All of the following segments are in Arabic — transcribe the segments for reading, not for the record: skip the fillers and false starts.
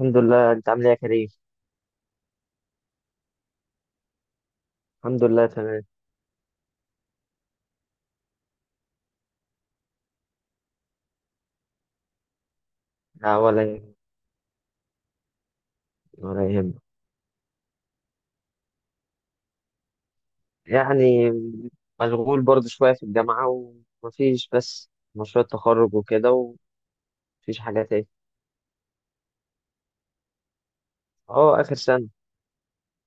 الحمد لله. انت عامل ايه يا كريم؟ الحمد لله تمام. لا ولا يهمك. ولا يهمك. يعني مشغول برضه شويه في الجامعه، ومفيش بس مشروع التخرج وكده، ومفيش حاجه تاني. اه، اخر سنه،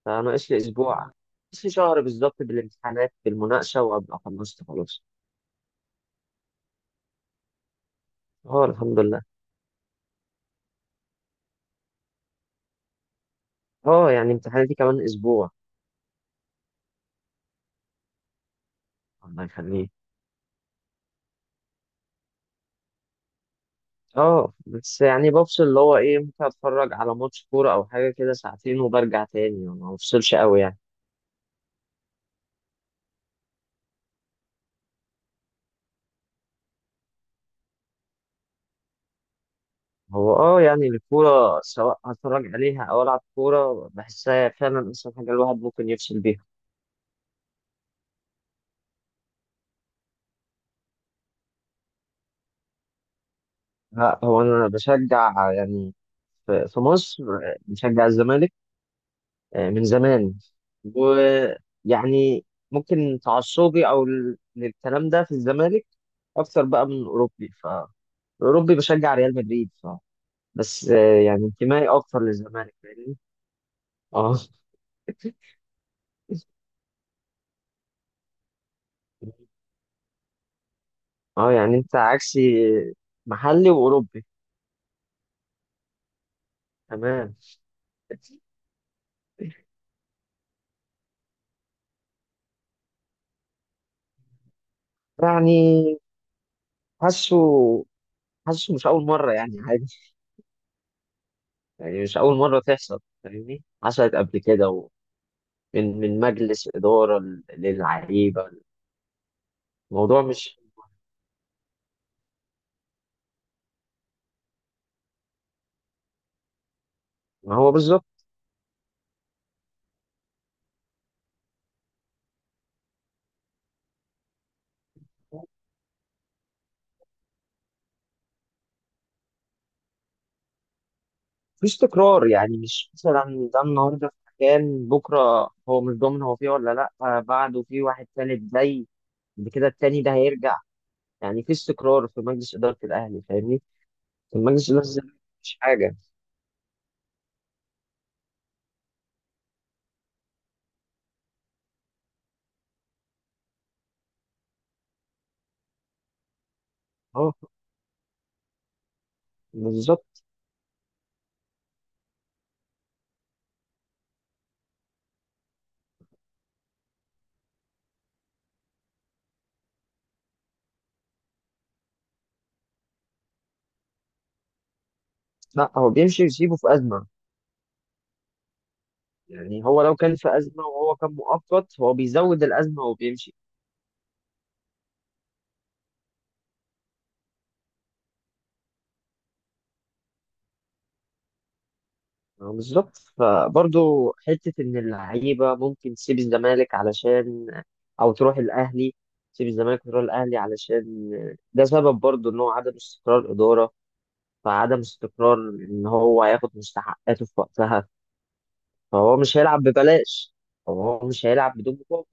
فناقص لي اسبوع، ناقص لي شهر بالظبط، بالامتحانات بالمناقشه، وابقى خلصت خلاص. اه الحمد لله. اه يعني امتحاناتي كمان اسبوع. الله يخليك. اه بس يعني بفصل اللي هو ايه، ممكن اتفرج على ماتش كوره او حاجه كده ساعتين وبرجع تاني، ما بفصلش قوي يعني. هو اه، يعني الكورة سواء هتفرج عليها أو ألعب كورة، بحسها فعلا أحسن حاجة الواحد ممكن يفصل بيها. لا، هو أنا بشجع يعني في مصر، بشجع الزمالك من زمان. ويعني ممكن تعصبي أو للكلام ده في الزمالك أكتر بقى من أوروبي. فأوروبي بشجع ريال مدريد، ف بس يعني انتمائي أكتر للزمالك، فاهمني. اه. اه يعني أنت عكسي، محلي وأوروبي. تمام. يعني حاسه حاسه مش أول مرة، يعني عادي، يعني مش أول مرة تحصل، فاهمني، حصلت قبل كده. ومن مجلس إدارة للعيبة. الموضوع مش، ما هو بالظبط. مفيش تكرار، يعني مش مثلا ده النهاردة في مكان، بكرة هو مش ضامن هو فيه ولا لأ، بعده في واحد تالت زي، بعد كده التاني ده هيرجع. يعني في استقرار في مجلس إدارة الأهلي، فاهمني؟ في مجلس إدارة الزمالك مفيش حاجة. اه بالظبط. لأ، هو بيمشي يسيبه في أزمة. يعني هو لو كان في أزمة وهو كان مؤقت، هو بيزود الأزمة وبيمشي. بالظبط. فبرضه حتة إن اللعيبة ممكن تسيب الزمالك علشان، أو تروح الأهلي، تسيب الزمالك وتروح الأهلي علشان ده سبب برضه، إن هو عدم استقرار إدارة. فعدم استقرار، إن هو هياخد مستحقاته في وقتها، فهو مش هيلعب ببلاش، هو مش هيلعب بدون مقابل.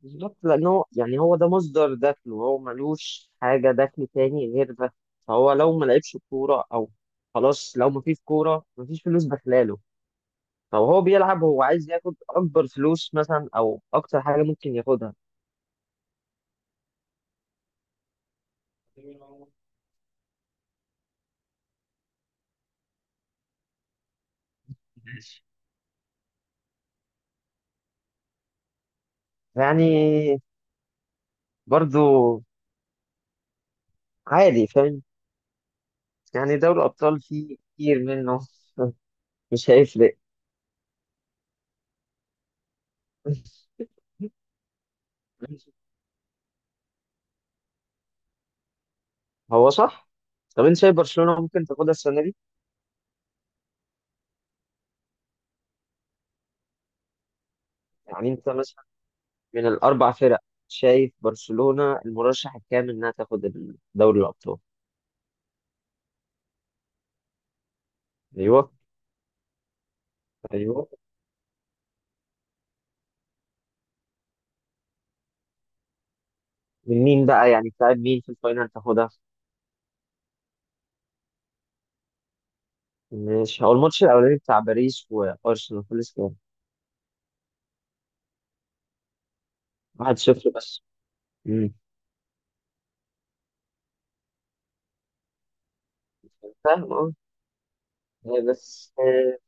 بالظبط، لأن هو يعني هو ده مصدر دخله، هو ملوش حاجة دخل تاني غير ده. فهو لو ما لعبش كورة أو، خلاص، لو ما فيش كورة ما فيش فلوس داخلاله. فهو بيلعب، هو عايز ياخد أكبر فلوس مثلا أو أكتر حاجة ممكن ياخدها. يعني برضو عادي، فاهم. يعني دوري الأبطال فيه كتير منه مش هيفرق. هو صح. طب أنت شايف برشلونة ممكن تاخدها السنة دي؟ يعني أنت من الأربع فرق شايف برشلونة المرشح الكامل إنها تاخد دوري الأبطال؟ أيوه. أيوه. من مين بقى، يعني بتاع مين في الفاينل تاخدها؟ مش هو الماتش الأولاني بتاع باريس وأرسنال خلص كام؟ 1-0 بس. امم. فاهم أه. آه، بس آه،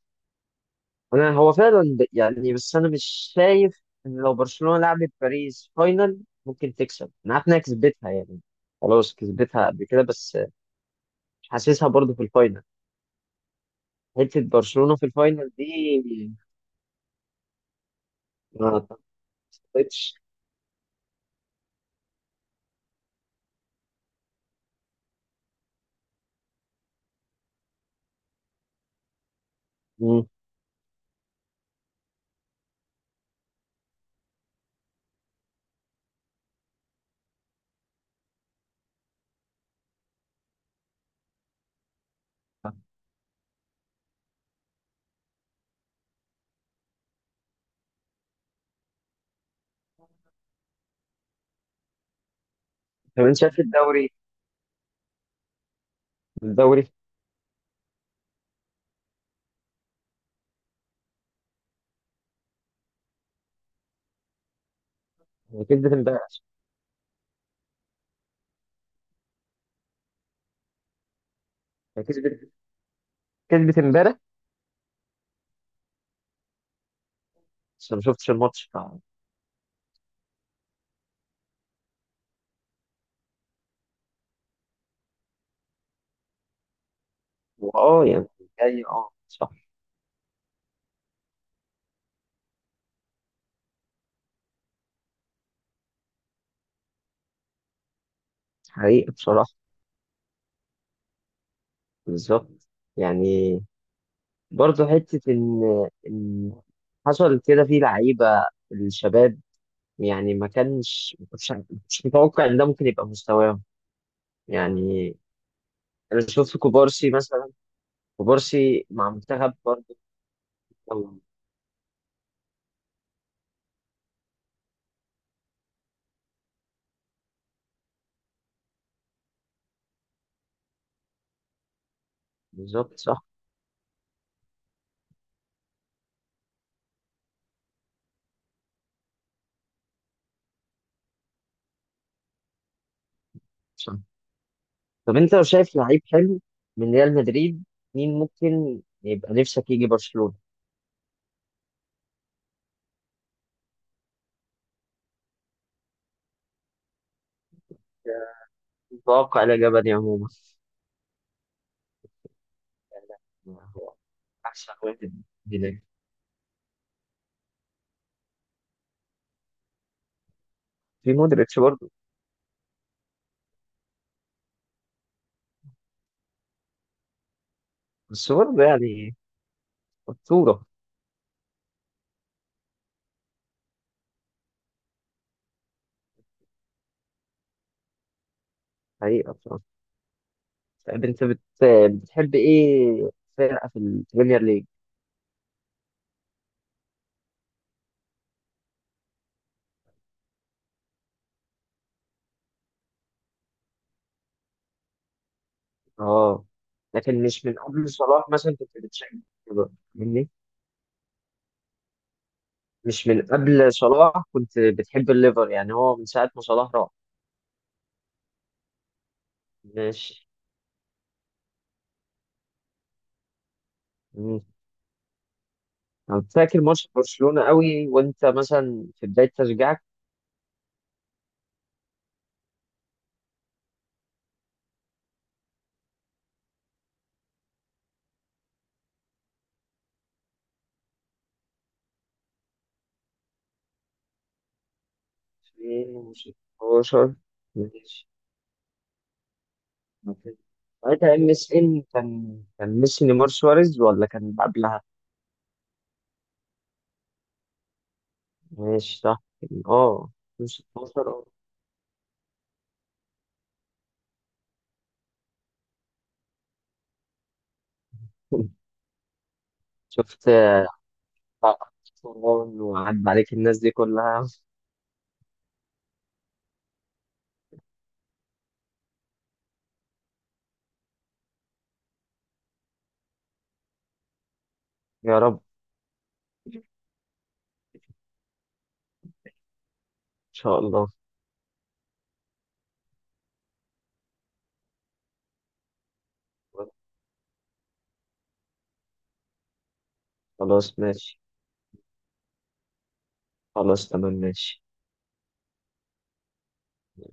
أنا هو فعلا يعني، بس أنا مش شايف إن لو برشلونة لعبت باريس فاينل ممكن تكسب، أنا عارف إنها كسبتها يعني، خلاص كسبتها قبل كده، بس مش حاسسها برضه في الفاينل، حتة برشلونة في الفاينل دي. ما تعتقدش. مم. طب انت شايف الدوري، الدوري كسبت امبارح. كسبت كسبت امبارح، بس أنا ما شفتش الماتش واه يعني. جاي اه صح. حقيقة بصراحة، بالظبط. يعني برضه حتة إن حصل كده في لعيبة الشباب، يعني ما كنتش متوقع إن ده ممكن يبقى مستواهم. يعني أنا شفت كوبارسي مثلا، كوبارسي مع منتخب برضه. بالظبط صح. طب انت لو شايف لعيب حلو من ريال مدريد، مين ممكن يبقى نفسك يجي برشلونة؟ متوقع لا جبلي عموما. يعني هو احسن واحد هناك. في مودريتش برضه. بس برضه يعني اسطورة. حقيقة بصراحة. طيب انت بتحب ايه فرقة في البريمير ليج؟ اه. لكن مش من قبل صلاح مثلا كنت بتشجع الليفر، فاهمني؟ مش من قبل صلاح كنت بتحب الليفر، يعني هو من ساعة ما صلاح راح؟ ماشي. انا فاكر ماتش برشلونة قوي وانت مثلا في بداية تشجيعك. في 16. ماشي، ممكن. ساعتها ام اس ان كان ميسي نيمار سواريز ولا كان قبلها؟ ماشي صح اه. 16 اه. شفت طبعاً، وعدى عليك الناس دي كلها. يا رب ان شاء الله. خلاص ماشي. خلاص تمام ماشي.